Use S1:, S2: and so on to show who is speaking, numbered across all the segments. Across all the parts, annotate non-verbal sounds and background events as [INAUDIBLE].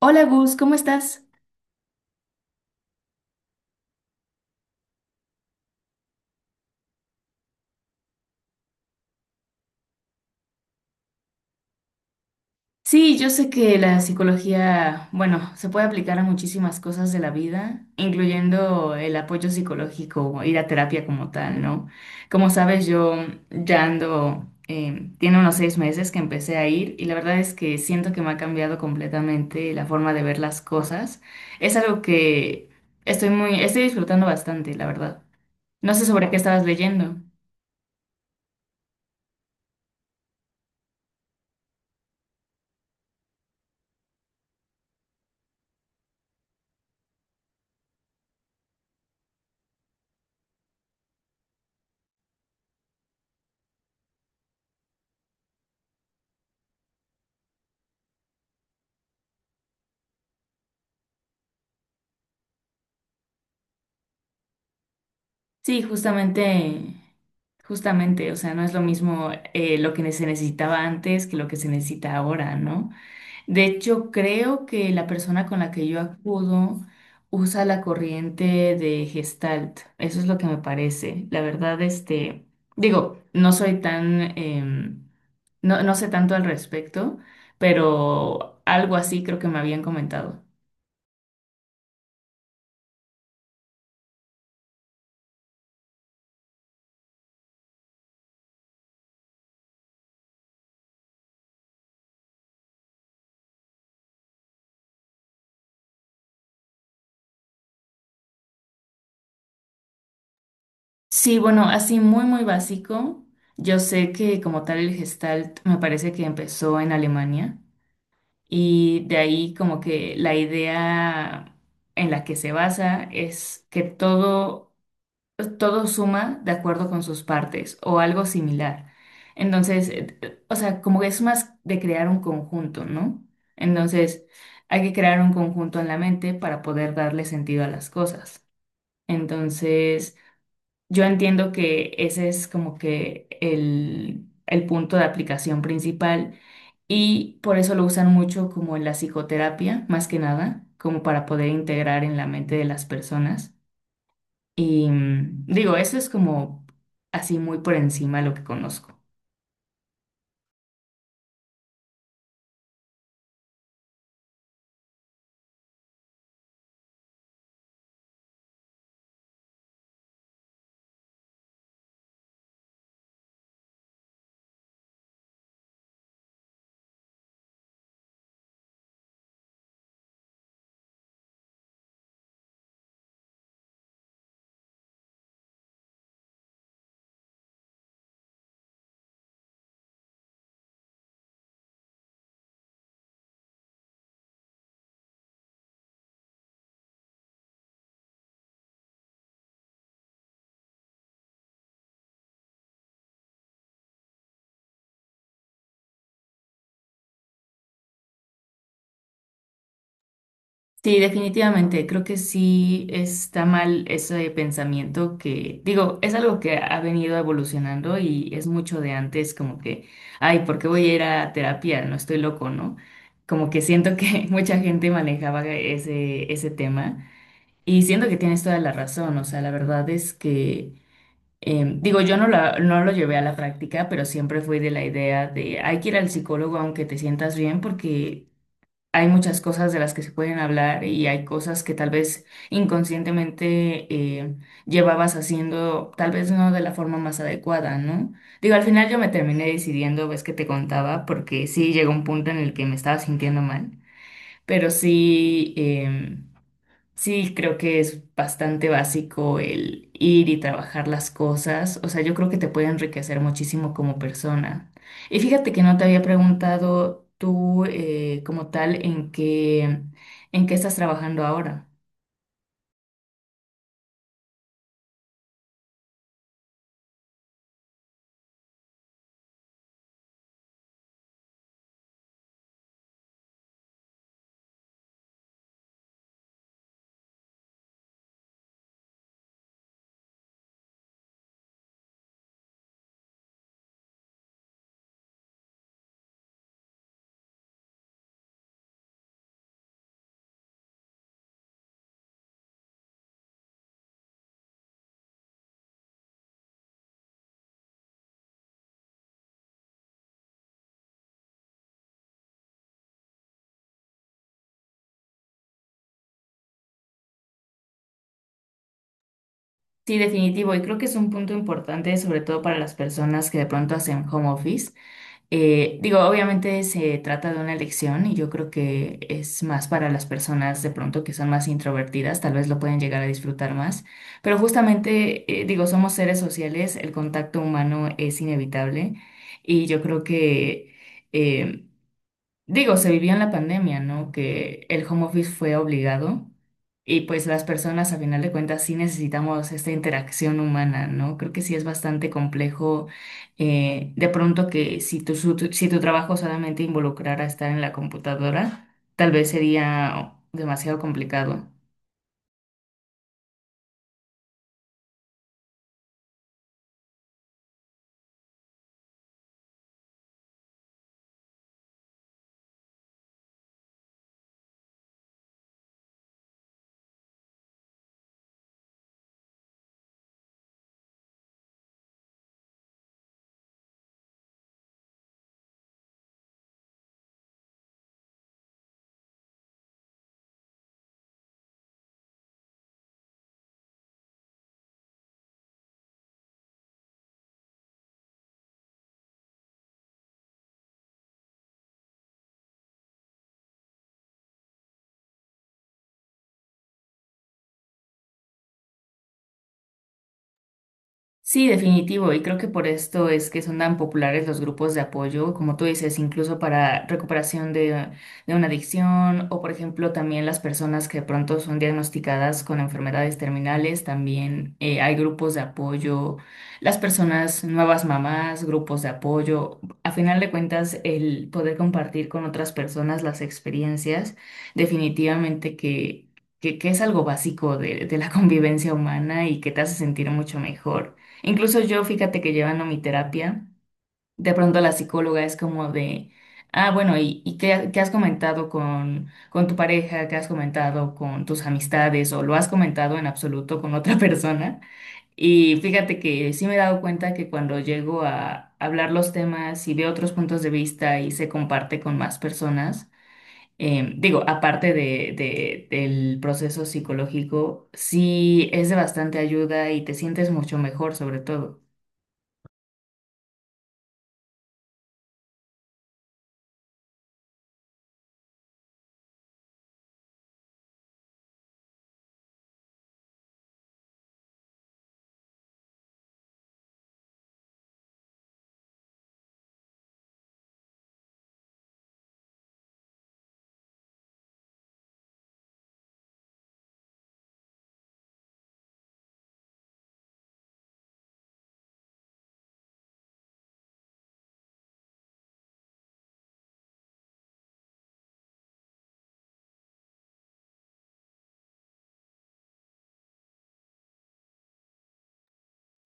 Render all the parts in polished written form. S1: Hola Gus, ¿cómo estás? Sí, yo sé que la psicología, bueno, se puede aplicar a muchísimas cosas de la vida, incluyendo el apoyo psicológico, ir a terapia como tal, ¿no? Como sabes, yo ya ando, tiene unos 6 meses que empecé a ir y la verdad es que siento que me ha cambiado completamente la forma de ver las cosas. Es algo que estoy disfrutando bastante, la verdad. No sé sobre qué estabas leyendo. Sí, justamente, justamente, o sea, no es lo mismo lo que se necesitaba antes que lo que se necesita ahora, ¿no? De hecho, creo que la persona con la que yo acudo usa la corriente de Gestalt, eso es lo que me parece. La verdad, este, digo, no soy tan, no, no sé tanto al respecto, pero algo así creo que me habían comentado. Sí, bueno, así muy, muy básico. Yo sé que como tal el Gestalt me parece que empezó en Alemania y de ahí como que la idea en la que se basa es que todo, todo suma de acuerdo con sus partes o algo similar. Entonces, o sea, como que es más de crear un conjunto, ¿no? Entonces, hay que crear un conjunto en la mente para poder darle sentido a las cosas. Entonces, yo entiendo que ese es como que el punto de aplicación principal y por eso lo usan mucho como en la psicoterapia, más que nada, como para poder integrar en la mente de las personas. Y digo, eso es como así muy por encima lo que conozco. Sí, definitivamente. Creo que sí está mal ese pensamiento que, digo, es algo que ha venido evolucionando y es mucho de antes, como que, ay, ¿por qué voy a ir a terapia? No estoy loco, ¿no? Como que siento que [LAUGHS] mucha gente manejaba ese tema y siento que tienes toda la razón. O sea, la verdad es que, digo, yo no, no lo llevé a la práctica, pero siempre fui de la idea de, hay que ir al psicólogo aunque te sientas bien porque hay muchas cosas de las que se pueden hablar y hay cosas que tal vez inconscientemente llevabas haciendo, tal vez no de la forma más adecuada, ¿no? Digo, al final yo me terminé decidiendo, ves que te contaba, porque sí llegó un punto en el que me estaba sintiendo mal, pero sí. Sí, creo que es bastante básico el ir y trabajar las cosas. O sea, yo creo que te puede enriquecer muchísimo como persona. Y fíjate que no te había preguntado tú eh, como tal, en qué estás trabajando ahora. Sí, definitivo. Y creo que es un punto importante, sobre todo para las personas que de pronto hacen home office. Digo, obviamente se trata de una elección y yo creo que es más para las personas de pronto que son más introvertidas, tal vez lo pueden llegar a disfrutar más, pero justamente, digo, somos seres sociales, el contacto humano es inevitable y yo creo que, eh, digo, se vivió en la pandemia, ¿no? Que el home office fue obligado y pues las personas, a final de cuentas, sí necesitamos esta interacción humana, ¿no? Creo que sí es bastante complejo de pronto que si tu trabajo solamente involucrara estar en la computadora, tal vez sería demasiado complicado. Sí, definitivo, y creo que por esto es que son tan populares los grupos de apoyo, como tú dices, incluso para recuperación de una adicción o, por ejemplo, también las personas que de pronto son diagnosticadas con enfermedades terminales, también hay grupos de apoyo, las personas nuevas mamás, grupos de apoyo. A final de cuentas, el poder compartir con otras personas las experiencias, definitivamente que, que es algo básico de la [LAUGHS] convivencia humana y que te hace sentir mucho mejor. Incluso yo, fíjate que llevando mi terapia, de pronto la psicóloga es como de, ah, bueno, ¿ y qué, ¿qué has comentado con tu pareja? ¿Qué has comentado con tus amistades? ¿O lo has comentado en absoluto con otra [LAUGHS] persona? Y fíjate que sí me he dado cuenta que cuando llego a hablar los temas y veo otros puntos de vista y se comparte con más personas, digo, aparte del proceso psicológico, sí es de bastante ayuda y te sientes mucho mejor sobre todo.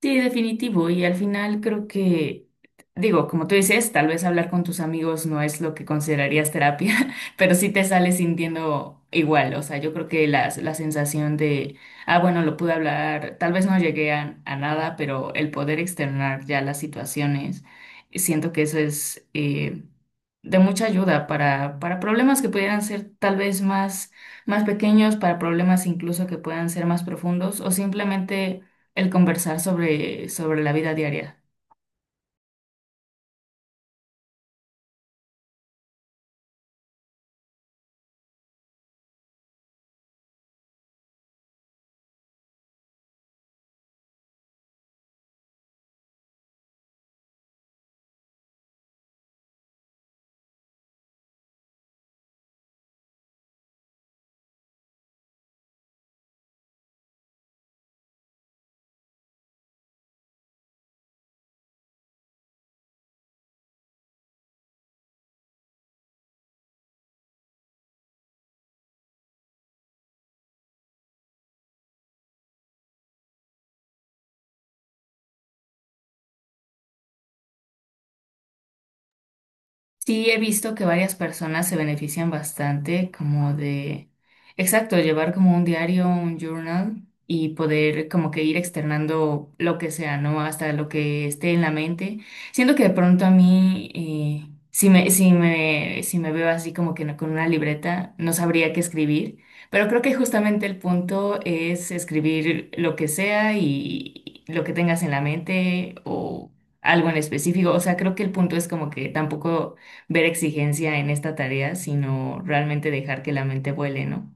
S1: Sí, definitivo. Y al final creo que, digo, como tú dices, tal vez hablar con tus amigos no es lo que considerarías terapia, [LAUGHS] pero sí te sales sintiendo igual. O sea, yo creo que la sensación de, ah, bueno, lo pude hablar, tal vez no llegué a nada, pero el poder externar ya las situaciones, siento que eso es de mucha ayuda para problemas que pudieran ser tal vez más, más pequeños, para problemas incluso que puedan ser más profundos o simplemente el conversar sobre la vida diaria. Sí, he visto que varias personas se benefician bastante como de, exacto, llevar como un diario, un journal y poder como que ir externando lo que sea, ¿no? Hasta lo que esté en la mente. Siento que de pronto a mí, si me veo así como que no- con una libreta, no sabría qué escribir, pero creo que justamente el punto es escribir lo que sea y lo que tengas en la mente o algo en específico. O sea, creo que el punto es como que tampoco ver exigencia en esta tarea, sino realmente dejar que la mente vuele, ¿no?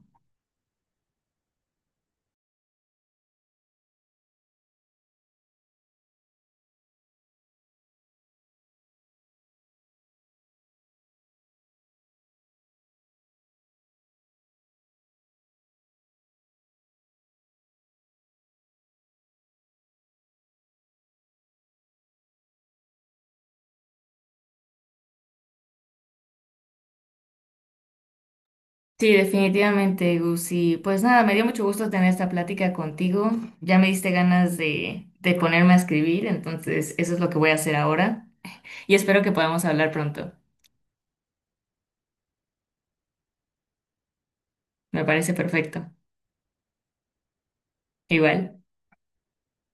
S1: Sí, definitivamente, Gus, pues nada, me dio mucho gusto tener esta plática contigo. Ya me diste ganas de ponerme a escribir, entonces eso es lo que voy a hacer ahora. Y espero que podamos hablar pronto. Me parece perfecto. Igual.